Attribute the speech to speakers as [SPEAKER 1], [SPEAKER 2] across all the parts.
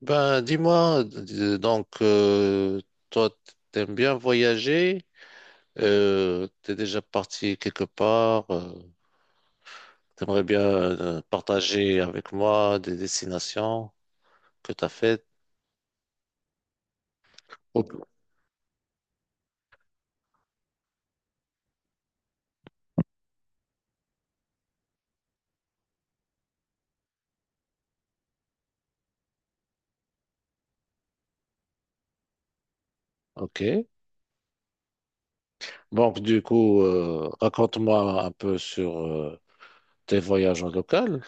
[SPEAKER 1] Ben, dis-moi, toi, t'aimes bien voyager, t'es déjà parti quelque part, t'aimerais bien partager avec moi des destinations que t'as faites. Ok. Ok. Donc, du coup, raconte-moi un peu sur tes voyages en local.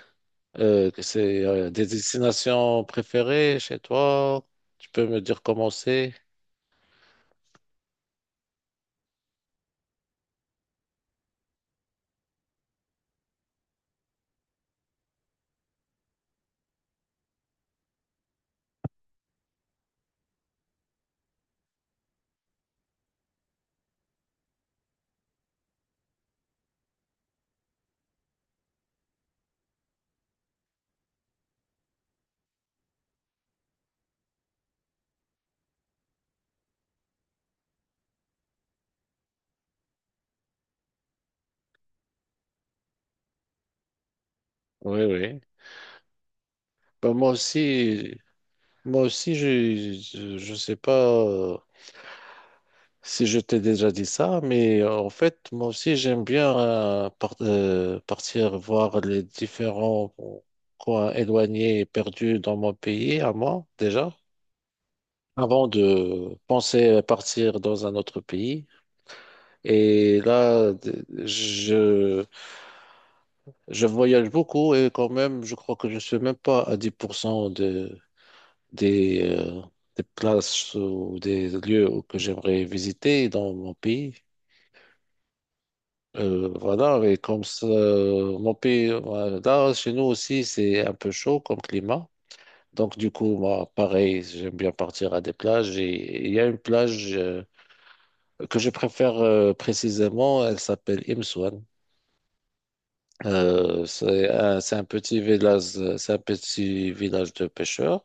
[SPEAKER 1] Que c'est des destinations préférées chez toi? Tu peux me dire comment c'est? Oui, oui. Ben, moi aussi. Moi aussi, je ne sais pas euh, si je t'ai déjà dit ça, mais en fait, moi aussi, j'aime bien partir voir les différents coins éloignés et perdus dans mon pays, à moi, déjà, avant de penser à partir dans un autre pays. Et là, je voyage beaucoup et quand même, je crois que je ne suis même pas à 10% des, euh, des places ou des lieux que j'aimerais visiter dans mon pays. Voilà, et comme ça, mon pays, voilà, là, chez nous aussi, c'est un peu chaud comme climat. Donc, du coup, moi, pareil, j'aime bien partir à des plages. Et il y a une plage que je préfère précisément, elle s'appelle Imswan. C'est un petit village, c'est un petit village de pêcheurs.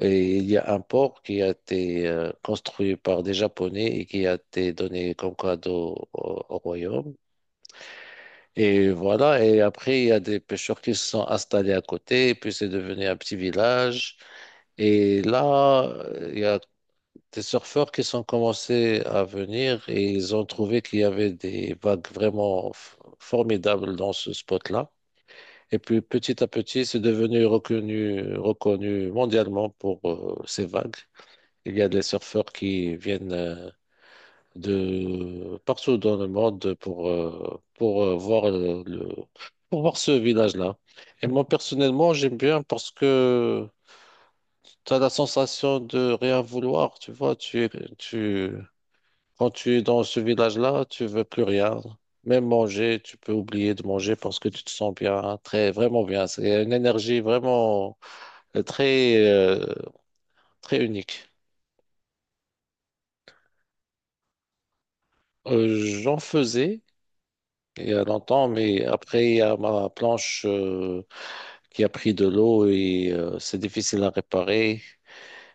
[SPEAKER 1] Et il y a un port qui a été construit par des Japonais et qui a été donné comme cadeau au royaume. Et voilà, et après, il y a des pêcheurs qui se sont installés à côté, et puis c'est devenu un petit village. Et là, il y a des surfeurs qui sont commencés à venir et ils ont trouvé qu'il y avait des vagues vraiment formidables dans ce spot-là. Et puis petit à petit, c'est devenu reconnu, reconnu mondialement pour ces vagues. Il y a des surfeurs qui viennent de partout dans le monde pour voir ce village-là. Et moi, personnellement, j'aime bien parce que tu as la sensation de rien vouloir, tu vois. Tu, quand tu es dans ce village-là, tu veux plus rien. Même manger, tu peux oublier de manger parce que tu te sens bien, très, vraiment bien. C'est une énergie vraiment euh, très, euh, très unique. Euh, j'en faisais. Il y a longtemps, mais après, il y a ma planche qui a pris de l'eau et c'est difficile à réparer.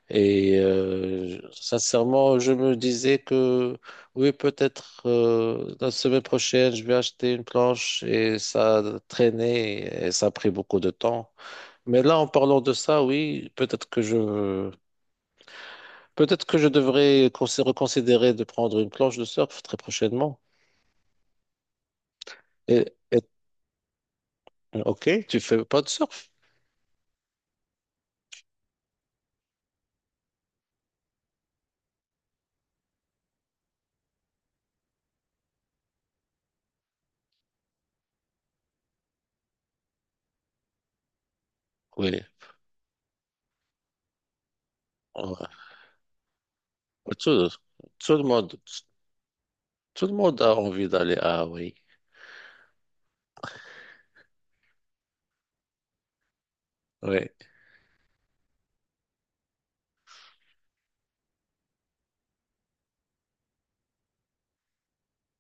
[SPEAKER 1] Et sincèrement, je me disais que oui, peut-être la semaine prochaine, je vais acheter une planche et ça a traîné et ça a pris beaucoup de temps. Mais là, en parlant de ça, oui, peut-être que je devrais reconsidérer de prendre une planche de surf très prochainement. Et, et- ok, tu fais pas de surf? Oui. Ouais. Tout, tout le monde, tout le monde a envie d'aller à Hawaï. Oui.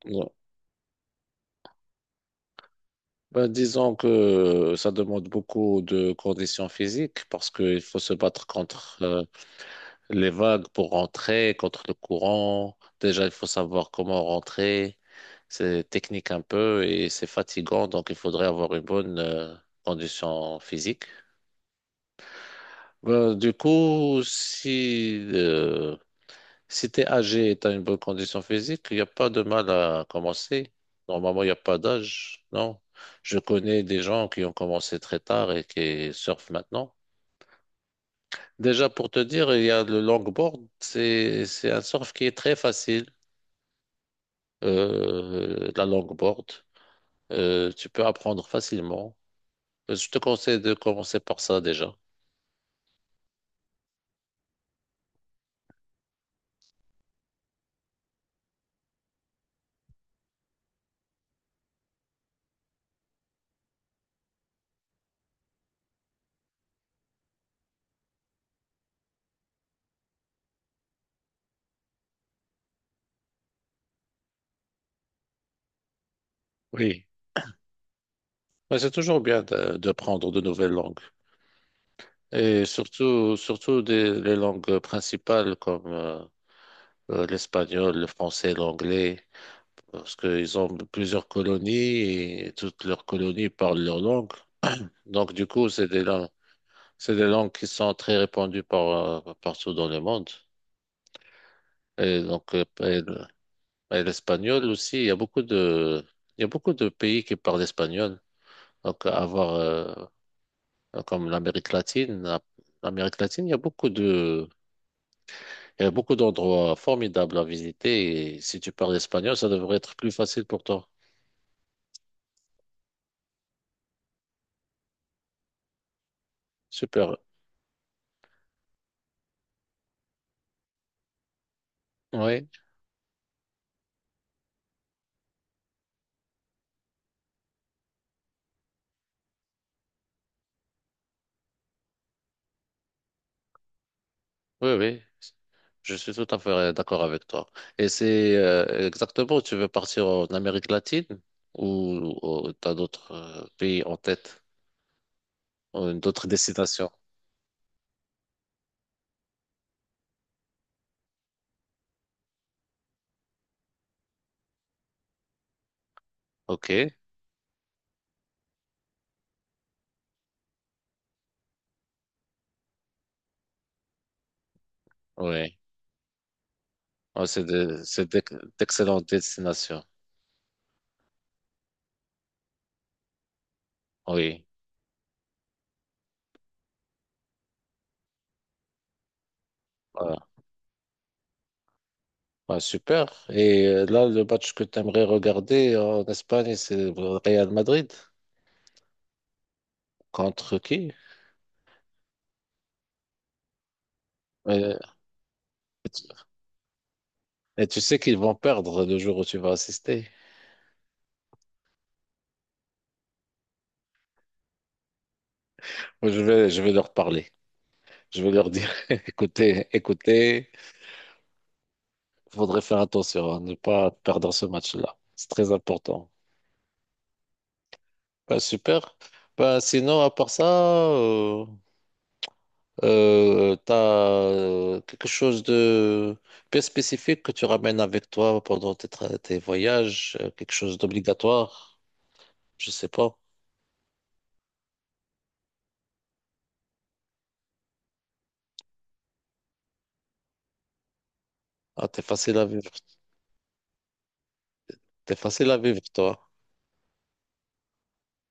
[SPEAKER 1] Non. Ben, disons que ça demande beaucoup de conditions physiques parce qu'il faut se battre contre les vagues pour rentrer, contre le courant. Déjà, il faut savoir comment rentrer. C'est technique un peu et c'est fatigant, donc il faudrait avoir une bonne condition physique. Ben, du coup, si euh, Si t'es âgé et t'as une bonne condition physique, il n'y a pas de mal à commencer. Normalement, il n'y a pas d'âge, non. Je connais des gens qui ont commencé très tard et qui surfent maintenant. Déjà, pour te dire, il y a le longboard. C'est un surf qui est très facile, la longboard. Tu peux apprendre facilement. Je te conseille de commencer par ça déjà. Oui. Ouais, c'est toujours bien de prendre de nouvelles langues. Et surtout les langues principales comme l'espagnol, le français, l'anglais, parce qu'ils ont plusieurs colonies et toutes leurs colonies parlent leur langue. Donc, du coup, c'est des langues qui sont très répandues partout dans le monde. Et donc, euh, et le- et l'espagnol aussi, il y a beaucoup de pays qui parlent espagnol. Donc, avoir, euh, comme l'Amérique latine. L'Amérique latine, il y a beaucoup d'endroits formidables à visiter. Et si tu parles espagnol, ça devrait être plus facile pour toi. Super. Oui, oui, oui. Je suis tout à fait d'accord avec toi. Et c'est exactement, tu veux partir en Amérique latine ou tu as d'autres pays en tête, ou d'autres destinations? Ok, oui. Ah, c'est de- c'est d'ex- d'excellentes destinations. Oui. Voilà. Ah, super. Et là, le match que tu aimerais regarder en Espagne, c'est le Real Madrid. Contre qui? Euh, Et tu tu sais qu'ils vont perdre le jour où tu vas assister. Moi, je vais leur parler. Je vais leur dire, écoutez, écoutez, il faudrait faire attention à ne pas perdre ce match-là. C'est très important. Bah, super. Bah, sinon, à part ça, t'as quelque chose de bien spécifique que tu ramènes avec toi pendant tes voyages, quelque chose d'obligatoire, je sais pas. Ah, t'es facile à vivre, t'es facile à vivre, toi.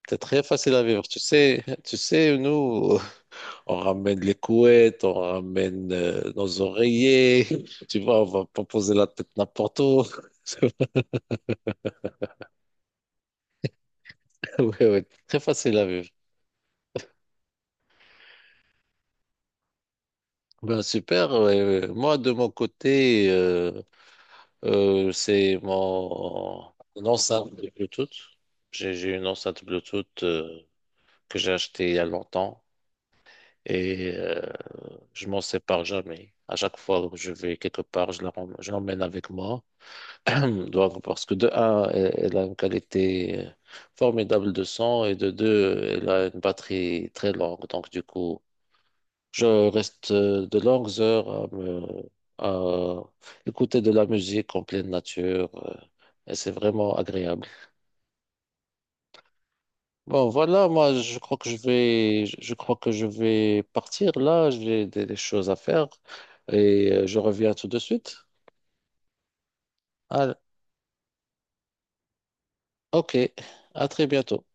[SPEAKER 1] T'es très facile à vivre. Tu sais, nous, on ramène les couettes, on ramène nos oreillers, tu vois, on va pas poser la tête n'importe où. Oui, oui, très facile à vivre. Ben, super. Ouais, ouais. Moi, de mon côté, c'est mon une enceinte de Bluetooth. J'ai une enceinte Bluetooth que j'ai achetée il y a longtemps et je m'en sépare jamais. À chaque fois que je vais quelque part, je l'emmène avec moi. Donc, parce que de un, elle, elle a une qualité formidable de son et de deux, elle a une batterie très longue. Donc du coup, je reste de longues heures à écouter de la musique en pleine nature, et c'est vraiment agréable. Bon, voilà, moi, je crois que je vais partir là. J'ai des choses à faire et je reviens tout de suite. Ah, ok, à très bientôt.